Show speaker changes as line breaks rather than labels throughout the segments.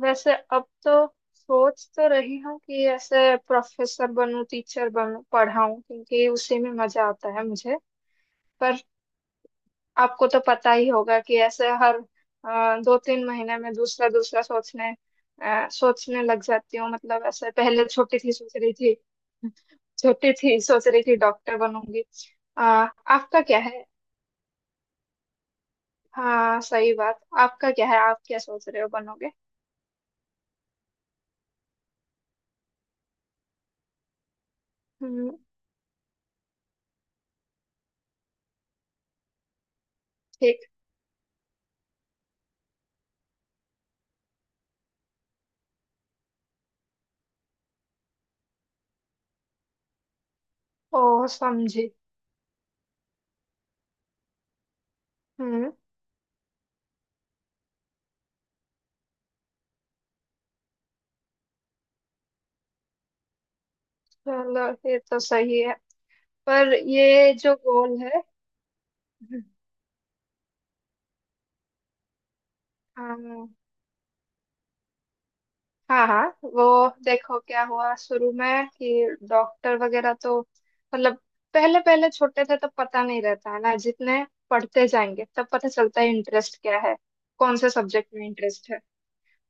वैसे अब तो सोच तो रही हूँ कि ऐसे प्रोफेसर बनूं, टीचर बनूं, पढ़ाऊं, क्योंकि उसी में मजा आता है मुझे। पर आपको तो पता ही होगा कि ऐसे हर दो तीन महीने में दूसरा दूसरा सोचने लग जाती हूँ। मतलब ऐसे पहले छोटी थी, सोच रही थी डॉक्टर बनूंगी। आपका क्या है? हाँ, सही बात। आपका क्या है? आप क्या सोच रहे हो, बनोगे? हम्म। ठीक। ओ, समझी। हम्म। चलो, ये तो सही है। पर ये जो गोल है, अम, हाँ हाँ, वो देखो क्या हुआ शुरू में कि डॉक्टर वगैरह तो मतलब, पहले पहले छोटे थे, तब पता नहीं रहता है ना, जितने पढ़ते जाएंगे तब पता चलता है इंटरेस्ट क्या है, कौन से सब्जेक्ट में इंटरेस्ट है।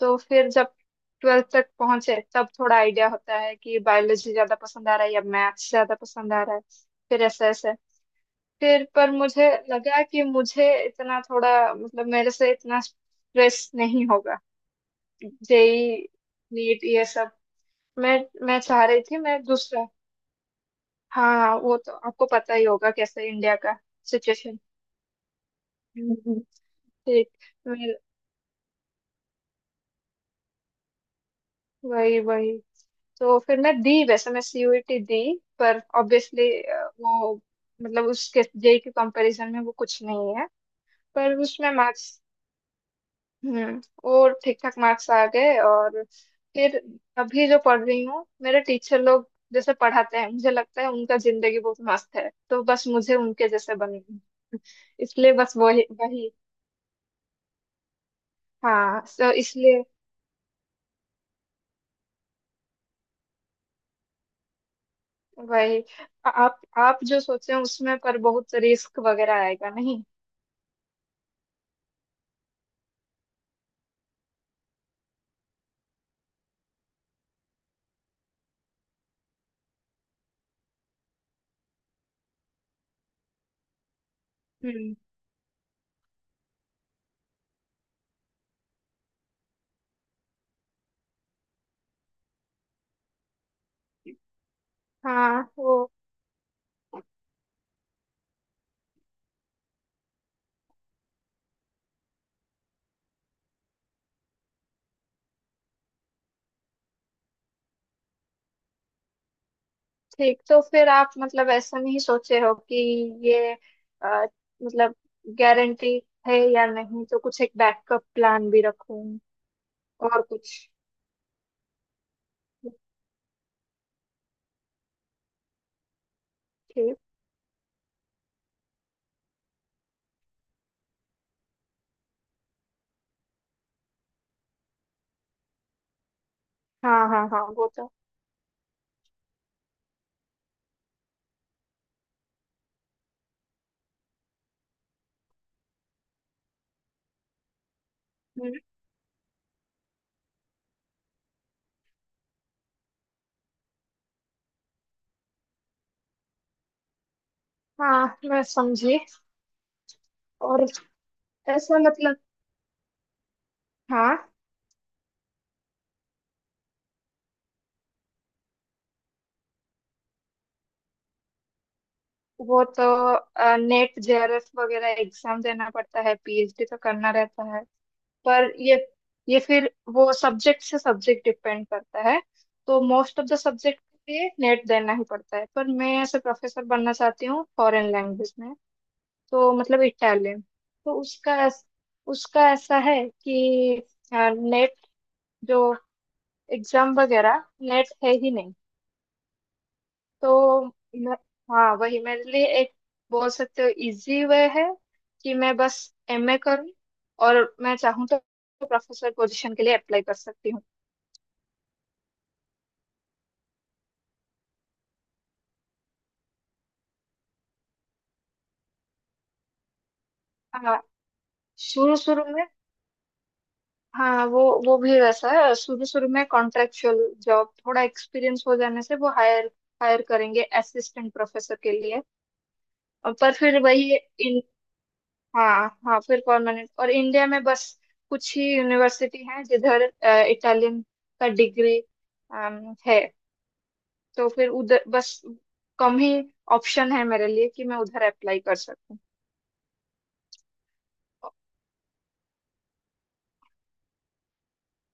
तो फिर जब ट्वेल्थ तक पहुंचे, तब थोड़ा आइडिया होता है कि बायोलॉजी ज्यादा पसंद आ रहा है या मैथ्स ज्यादा पसंद आ रहा है। फिर ऐसे ऐसे, फिर पर मुझे लगा कि मुझे इतना, थोड़ा मतलब मेरे से इतना स्ट्रेस नहीं होगा। जेई, नीट, ये सब, मैं मैं चाह रही थी मैं दूसरा। हाँ, वो तो आपको पता ही होगा कैसे इंडिया का सिचुएशन। हम्म। ठीक। मैं, वही वही, तो फिर मैं दी वैसे मैं सीयूईटी दी। पर ऑब्वियसली वो, मतलब उसके जेई के कंपैरिजन में वो कुछ नहीं है। पर उसमें मार्क्स, हम्म, और ठीक ठाक मार्क्स आ गए। और फिर अभी जो पढ़ रही हूँ, मेरे टीचर लोग जैसे पढ़ाते हैं, मुझे लगता है उनका जिंदगी बहुत मस्त है, तो बस मुझे उनके जैसे बन। इसलिए बस वही वही। हाँ, तो इसलिए वही, आप जो सोचे हैं उसमें, पर बहुत रिस्क वगैरह आएगा नहीं? हम्म, हाँ वो। ठीक, तो फिर आप मतलब ऐसा नहीं सोचे हो कि ये, अ, मतलब गारंटी है या नहीं, तो कुछ एक बैकअप प्लान भी रखूं, और कुछ? ठीक। हाँ हाँ हाँ, वो तो। हम्म। हाँ, मैं समझी। और ऐसा मतलब, हाँ, वो तो नेट जेआरएफ वगैरह एग्जाम देना पड़ता है, पीएचडी तो करना रहता है। पर ये फिर वो सब्जेक्ट से सब्जेक्ट डिपेंड करता है। तो मोस्ट ऑफ द सब्जेक्ट के लिए नेट देना ही पड़ता है, पर मैं ऐसे प्रोफेसर बनना चाहती हूँ फॉरेन लैंग्वेज में। तो मतलब इटालियन। तो उसका ऐसा है कि नेट, जो एग्जाम वगैरह, नेट है ही नहीं। तो मैं- हाँ, वही मेरे लिए एक, बोल सकते हो इजी वे है, कि मैं बस एमए करूँ, और मैं चाहूँ तो प्रोफेसर पोजीशन के लिए अप्लाई कर सकती हूँ। हाँ, शुरू शुरू में, हाँ वो भी वैसा है, शुरू शुरू में कॉन्ट्रेक्चुअल जॉब, थोड़ा एक्सपीरियंस हो जाने से वो हायर हायर करेंगे असिस्टेंट प्रोफेसर के लिए। और पर फिर वही इन, हाँ हाँ, फिर परमानेंट। और इंडिया में बस कुछ ही यूनिवर्सिटी हैं जिधर इटालियन का डिग्री है। तो फिर उधर बस कम ही ऑप्शन है मेरे लिए कि मैं उधर अप्लाई कर सकूं।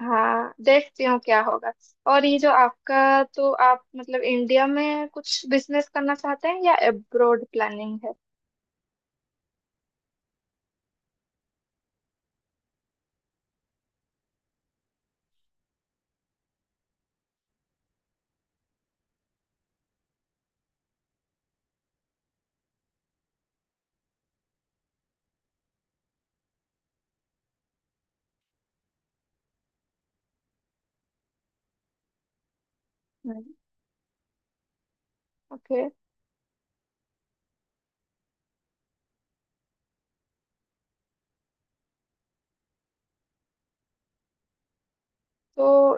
हाँ, देखती हूँ क्या होगा। और ये जो आपका, तो आप मतलब इंडिया में कुछ बिजनेस करना चाहते हैं या अब्रॉड प्लानिंग है? हम्म। ओके। तो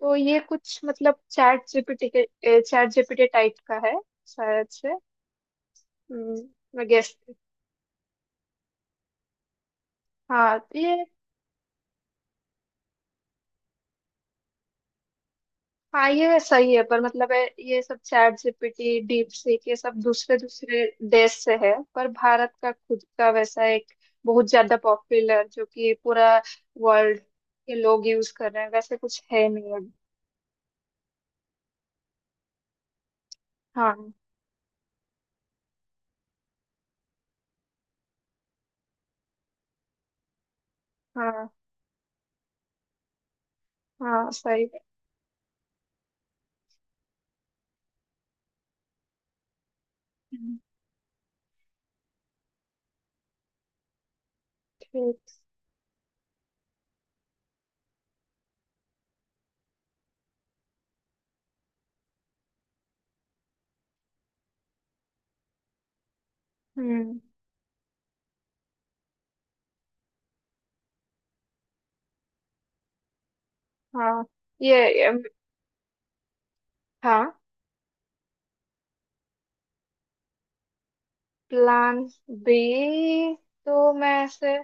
तो ये कुछ मतलब चैट जीपीटी टाइप का है शायद से। हम्म, मैं गेस। हाँ ये, हाँ ये सही है, पर मतलब है ये सब चैट जीपीटी, डीप सीक, ये सब दूसरे दूसरे देश से है, पर भारत का खुद का वैसा एक बहुत ज्यादा पॉपुलर जो कि पूरा वर्ल्ड के लोग यूज कर रहे हैं, वैसे कुछ है नहीं अभी। हाँ हाँ हाँ, सही है। हम्म, ठीक। हम्म, हाँ ये, हाँ, प्लान बी, तो मैं ऐसे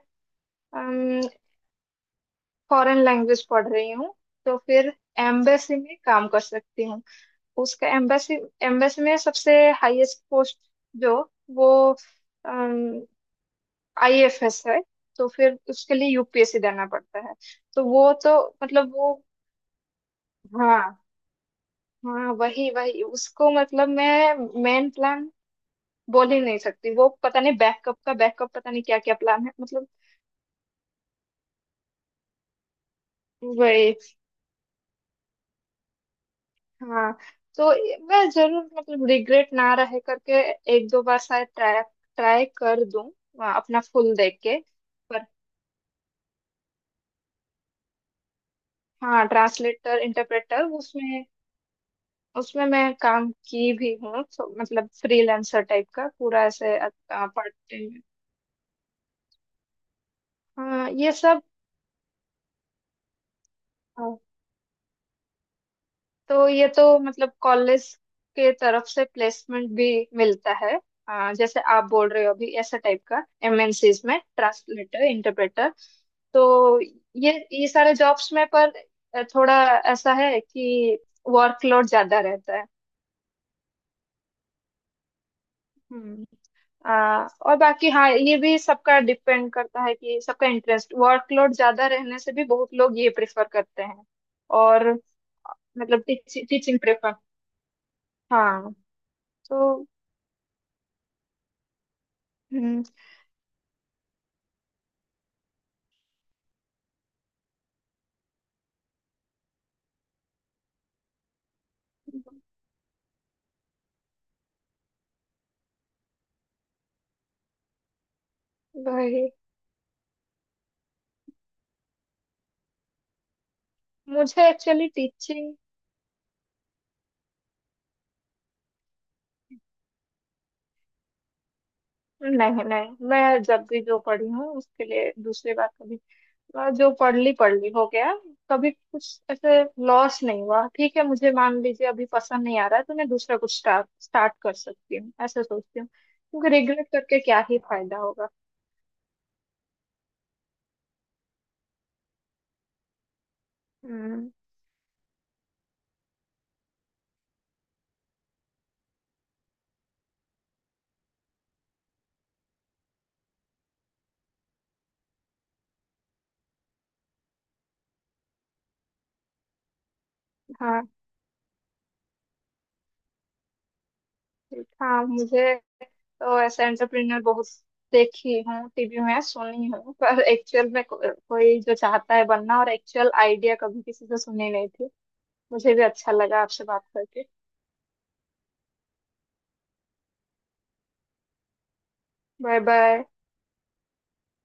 फॉरेन लैंग्वेज पढ़ रही हूँ, तो फिर एम्बेसी में काम कर सकती हूँ। उसका एम्बेसी एम्बेसी में सबसे हाईएस्ट पोस्ट जो वो आईएफएस है, तो फिर उसके लिए यूपीएससी देना पड़ता है। तो वो तो मतलब वो, हाँ हाँ, वही वही उसको, मतलब मैं मेन प्लान बोल ही नहीं सकती, वो पता नहीं, बैकअप का बैकअप, पता नहीं क्या क्या प्लान है मतलब। वही, हाँ, तो मैं जरूर मतलब रिग्रेट ना रहे करके, एक दो बार शायद ट्राई ट्राई कर दूं, अपना फुल देख के। हाँ, ट्रांसलेटर इंटरप्रेटर उसमें उसमें मैं काम की भी हूँ, तो मतलब फ्रीलांसर टाइप का पूरा ऐसे, पार्ट टाइम। हाँ, ये सब। हाँ, तो ये तो मतलब कॉलेज के तरफ से प्लेसमेंट भी मिलता है। हाँ, जैसे आप बोल रहे हो अभी ऐसा टाइप का, एमएनसीज में ट्रांसलेटर इंटरप्रेटर। तो ये सारे जॉब्स में पर थोड़ा ऐसा है कि वर्कलोड ज्यादा रहता है। हम्म। और बाकी, हाँ, ये भी सबका डिपेंड करता है कि सबका इंटरेस्ट, वर्कलोड ज्यादा रहने से भी बहुत लोग ये प्रेफर करते हैं। और मतलब टीचिंग प्रेफर, हाँ, तो हम्म, वही। मुझे एक्चुअली टीचिंग, नहीं नहीं, मैं जब भी जो पढ़ी हूँ उसके लिए दूसरी बार कभी, बात, जो पढ़ ली हो गया, कभी कुछ ऐसे लॉस नहीं हुआ। ठीक है, मुझे मान लीजिए अभी पसंद नहीं आ रहा है, तो मैं दूसरा कुछ स्टार्ट स्टार्ट कर सकती हूँ, ऐसा सोचती हूँ, क्योंकि रिग्रेट करके क्या ही फायदा होगा। हम्म। हाँ, ठीक, हाँ मुझे, तो ऐसे एंटरप्रेन्योर बहुत देखी हूँ टीवी में, सुनी हूँ, पर एक्चुअल में कोई जो चाहता है बनना और एक्चुअल आइडिया कभी किसी से सुनी नहीं थी। मुझे भी अच्छा लगा आपसे बात करके। Bye bye.